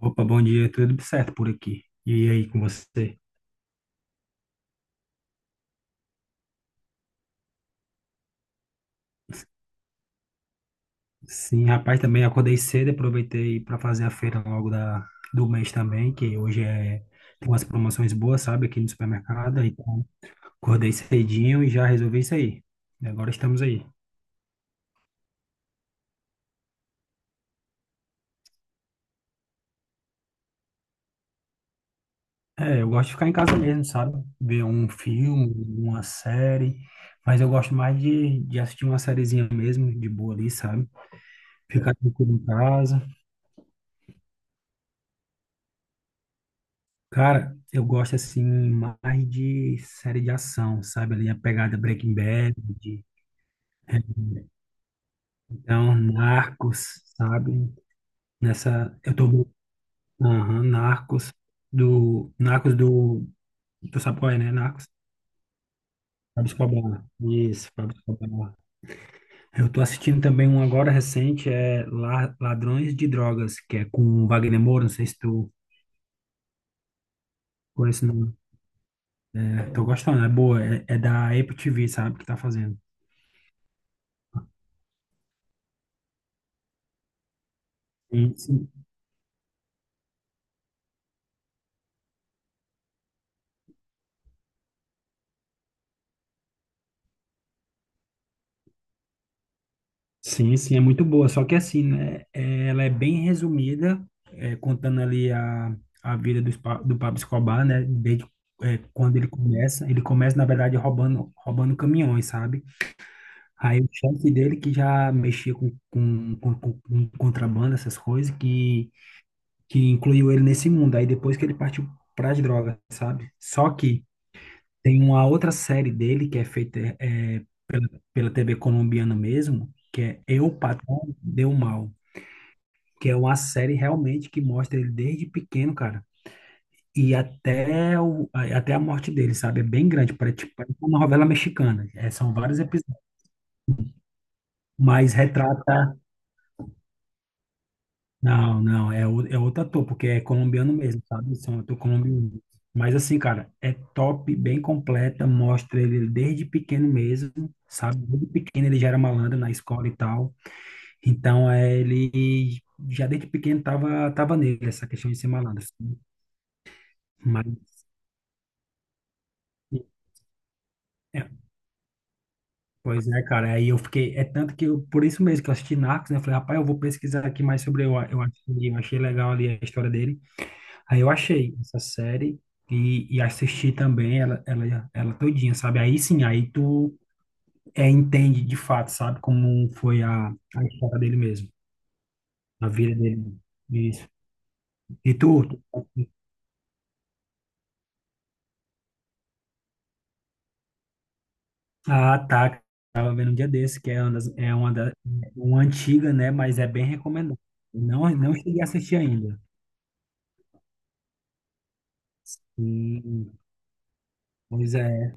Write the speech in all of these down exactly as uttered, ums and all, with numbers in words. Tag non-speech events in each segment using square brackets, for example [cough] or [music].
Opa, bom dia, tudo certo por aqui. E aí, com você? Sim, rapaz, também acordei cedo, aproveitei para fazer a feira logo da, do mês também, que hoje é, tem umas promoções boas, sabe, aqui no supermercado. Então, acordei cedinho e já resolvi isso aí. E agora estamos aí. É, eu gosto de ficar em casa mesmo, sabe? Ver um filme, uma série, mas eu gosto mais de, de assistir uma sériezinha mesmo, de boa ali, sabe? Ficar tranquilo em casa. Cara, eu gosto assim mais de série de ação, sabe? Ali a pegada Breaking Bad, de- então Narcos, sabe? Nessa, eu tô, aham, Narcos do, Narcos do, tu sabe qual é, né? Narcos, Pablo Escobar. Isso, Pablo Escobar. Eu tô assistindo também um agora recente, é La- Ladrões de Drogas, que é com o Wagner Moura, não sei se tu conhece o nome. É, tô gostando, é boa, é, é da Apple T V, sabe? Que tá fazendo. Sim, sim, sim, é muito boa. Só que assim, né? é, Ela é bem resumida, é, contando ali a, a vida do, Spa- do Pablo Escobar, né? Desde é, quando ele começa. Ele começa, na verdade, roubando, roubando caminhões, sabe? Aí o chefe dele, que já mexia com, com, com, com- com contrabando, essas coisas, que, que incluiu ele nesse mundo. Aí depois que ele partiu para as drogas, sabe? Só que tem uma outra série dele que é feita é, pela, pela T V colombiana mesmo, que é Eu, Patrão, Deu Mal, que é uma série realmente que mostra ele desde pequeno, cara, e até, o, a- até a morte dele, sabe? É bem grande, parece, tipo, parece uma novela mexicana. É, são vários episódios, mas retrata. Não, não, é, o- é outro ator, porque é colombiano mesmo, sabe? São ator colombiano. Mas assim, cara, é top, bem completa, mostra ele desde pequeno mesmo, sabe? Desde pequeno ele já era malandro na escola e tal. Então, é, ele já desde pequeno tava, tava, nele essa questão de ser malandro, sabe? Mas é. Pois é, cara, aí eu fiquei, é tanto que eu, por isso mesmo que eu assisti Narcos, né, eu falei, rapaz, eu vou pesquisar aqui mais sobre, eu, eu, achei, eu achei legal ali a história dele. Aí eu achei essa série e, e assisti também ela, ela, ela todinha, sabe, aí sim, aí tu é, entende de fato, sabe, como foi a, a história dele mesmo, a vida dele, isso. E tu, ah, tá, tava vendo um dia desse, que é uma, das- é uma, da, uma antiga, né, mas é bem recomendado. Não, não cheguei a assistir ainda. Pois é,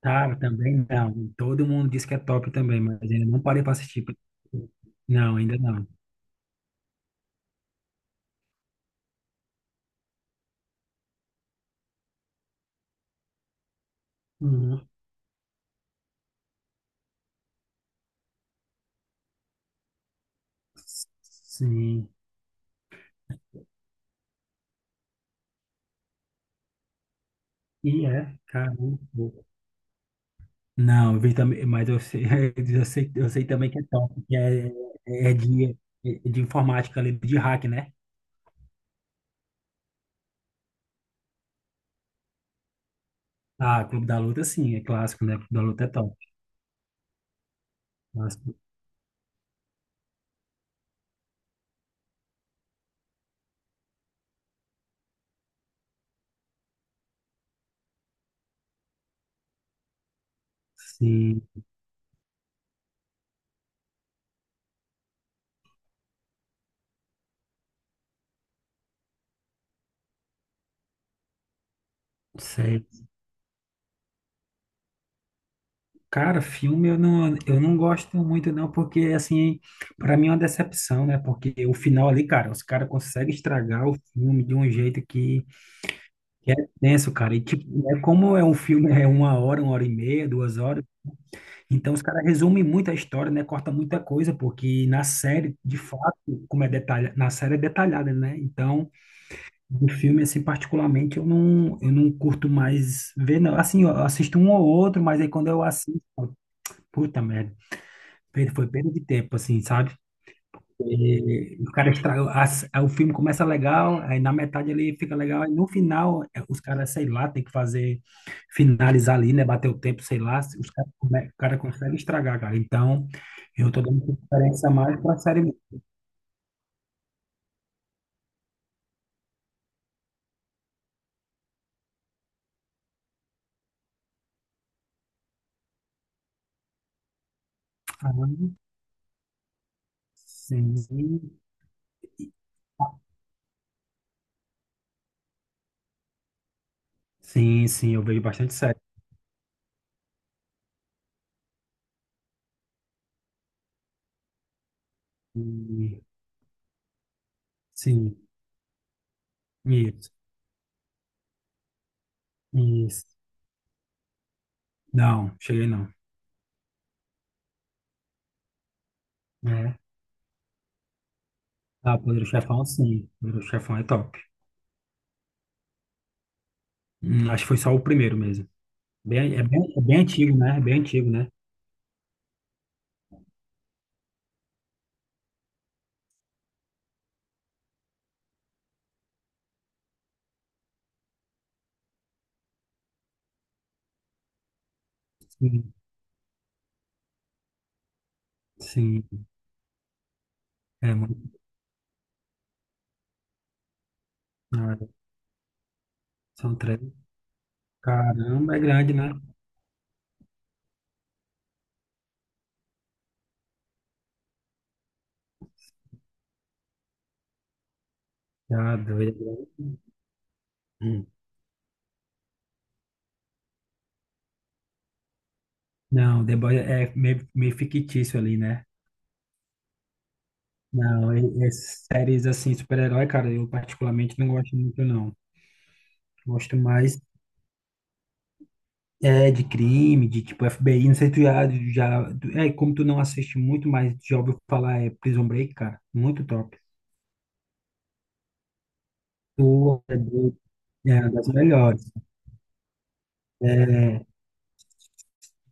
tá, também não. Todo mundo diz que é top também, mas ainda não parei para assistir. Não, ainda não. Uhum. Sim. E é, cara. Não, eu vi também, mas eu sei, [laughs] eu sei, eu sei também que é top, que é, é de, é de informática ali, de hack, né? Ah, Clube da Luta, sim, é clássico, né? Clube da Luta é top. Clássico. Sim, sei. Cara, filme eu não, eu não, gosto muito não, porque assim, para mim é uma decepção, né? Porque o final ali, cara, os caras conseguem estragar o filme de um jeito que, que é tenso, cara. E tipo, né, como é um filme, é uma hora, uma hora e meia, duas horas, então os caras resumem muito a história, né? Corta muita coisa, porque na série, de fato, como é detalhada, na série é detalhada, né? Então, o filme, assim, particularmente, eu não, eu não curto mais ver, não. Assim, eu assisto um ou outro, mas aí quando eu assisto, eu falo, puta merda. Perda- Foi perda de tempo, assim, sabe? E o cara estraga as- é, O filme começa legal, aí na metade ele fica legal, aí no final, é, os caras, sei lá, tem que fazer, finalizar ali, né? Bater o tempo, sei lá. Se Os cara, como é- o cara consegue estragar, cara. Então, eu tô dando preferência mais pra série mesmo. Ah, sim, sim, sim, eu vejo bastante série. E- Sim, isso, isso. Não, cheguei não. É. Ah, Poderoso Chefão, sim. Poderoso Chefão é top. Hum, acho que foi só o primeiro mesmo. Bem, é bem, é bem, antigo, né? É bem antigo, né? Sim, sim. É muito. Não, é- São três. Caramba, é grande, né? Tá doido. É grande. Hum. Não, The Boys é meio, meio fictício ali, né? Não, e- e séries assim, super-herói, cara, eu particularmente não gosto muito, não. Gosto mais é, de crime, de tipo F B I, não sei tu já, já. tu- É, como tu não assiste muito, mas já ouviu falar, é Prison Break, cara. Muito top. Tu é, do- é das melhores. É,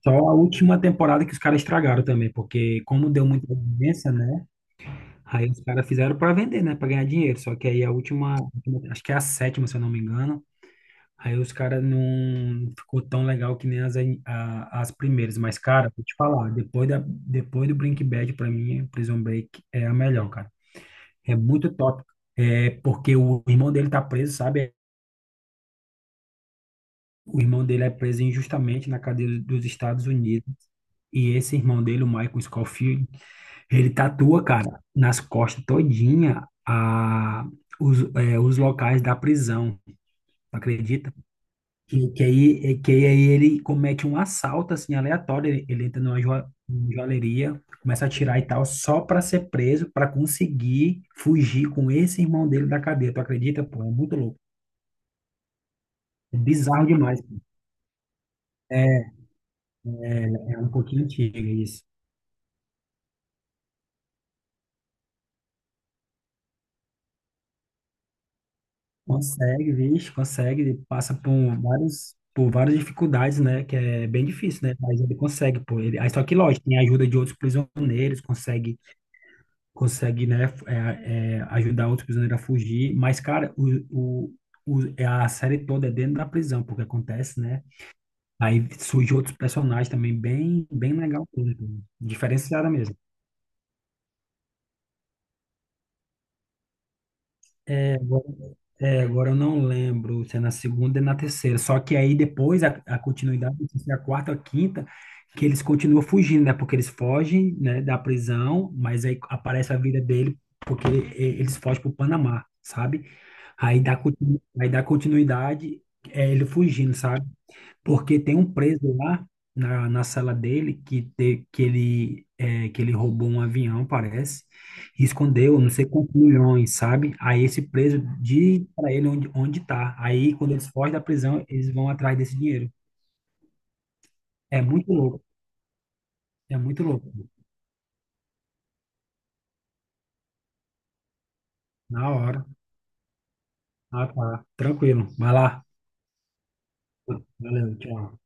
só a última temporada que os caras estragaram também, porque como deu muita audiência, né? Aí os caras fizeram pra vender, né? Pra ganhar dinheiro. Só que aí a última, acho que é a sétima, se eu não me engano. Aí os caras não ficou tão legal que nem as, a- as primeiras. Mas, cara, vou te falar, depois, da, depois do Breaking Bad, pra mim, Prison Break é a melhor, cara. É muito top. É porque o irmão dele tá preso, sabe? O irmão dele é preso injustamente na cadeia dos Estados Unidos. E esse irmão dele, o Michael Scofield, ele tatua, cara, nas costas todinha a, os, é, os locais da prisão, tu acredita? Que, que aí, é, que aí ele comete um assalto, assim, aleatório, ele, ele entra numa joa- joalheria, começa a atirar e tal, só para ser preso, para conseguir fugir com esse irmão dele da cadeia, tu acredita? Pô, é muito louco, é bizarro demais, é, é um pouquinho antigo isso. Consegue, vixe, consegue, ele passa por vários, por várias dificuldades, né? Que é bem difícil, né? Mas ele consegue, pô. Ele, aí só que, lógico, tem a ajuda de outros prisioneiros, consegue, consegue, né? é, é, ajudar outros prisioneiros a fugir. Mas, cara, o, o, o- é a série toda é dentro da prisão, porque acontece, né? Aí surgem outros personagens também bem, bem legal, mesmo, diferenciada mesmo. É, agora, é, agora eu não lembro se é na segunda e na terceira. Só que aí depois a, a continuidade, não sei se é a quarta ou a quinta, que eles continuam fugindo, né? Porque eles fogem, né, da prisão, mas aí aparece a vida dele, porque e- eles fogem para o Panamá, sabe? Aí dá, continu- aí dá continuidade, é, ele fugindo, sabe? Porque tem um preso lá na, na sala dele que, te, que, ele, é, que ele roubou um avião, parece, e escondeu não sei quantos milhões, sabe? Aí esse preso diz para ele onde, onde tá. Aí quando eles fogem da prisão, eles vão atrás desse dinheiro. É muito louco, é muito louco. Na hora. Ah, tá. Tranquilo. Vai lá. Valeu, tchau.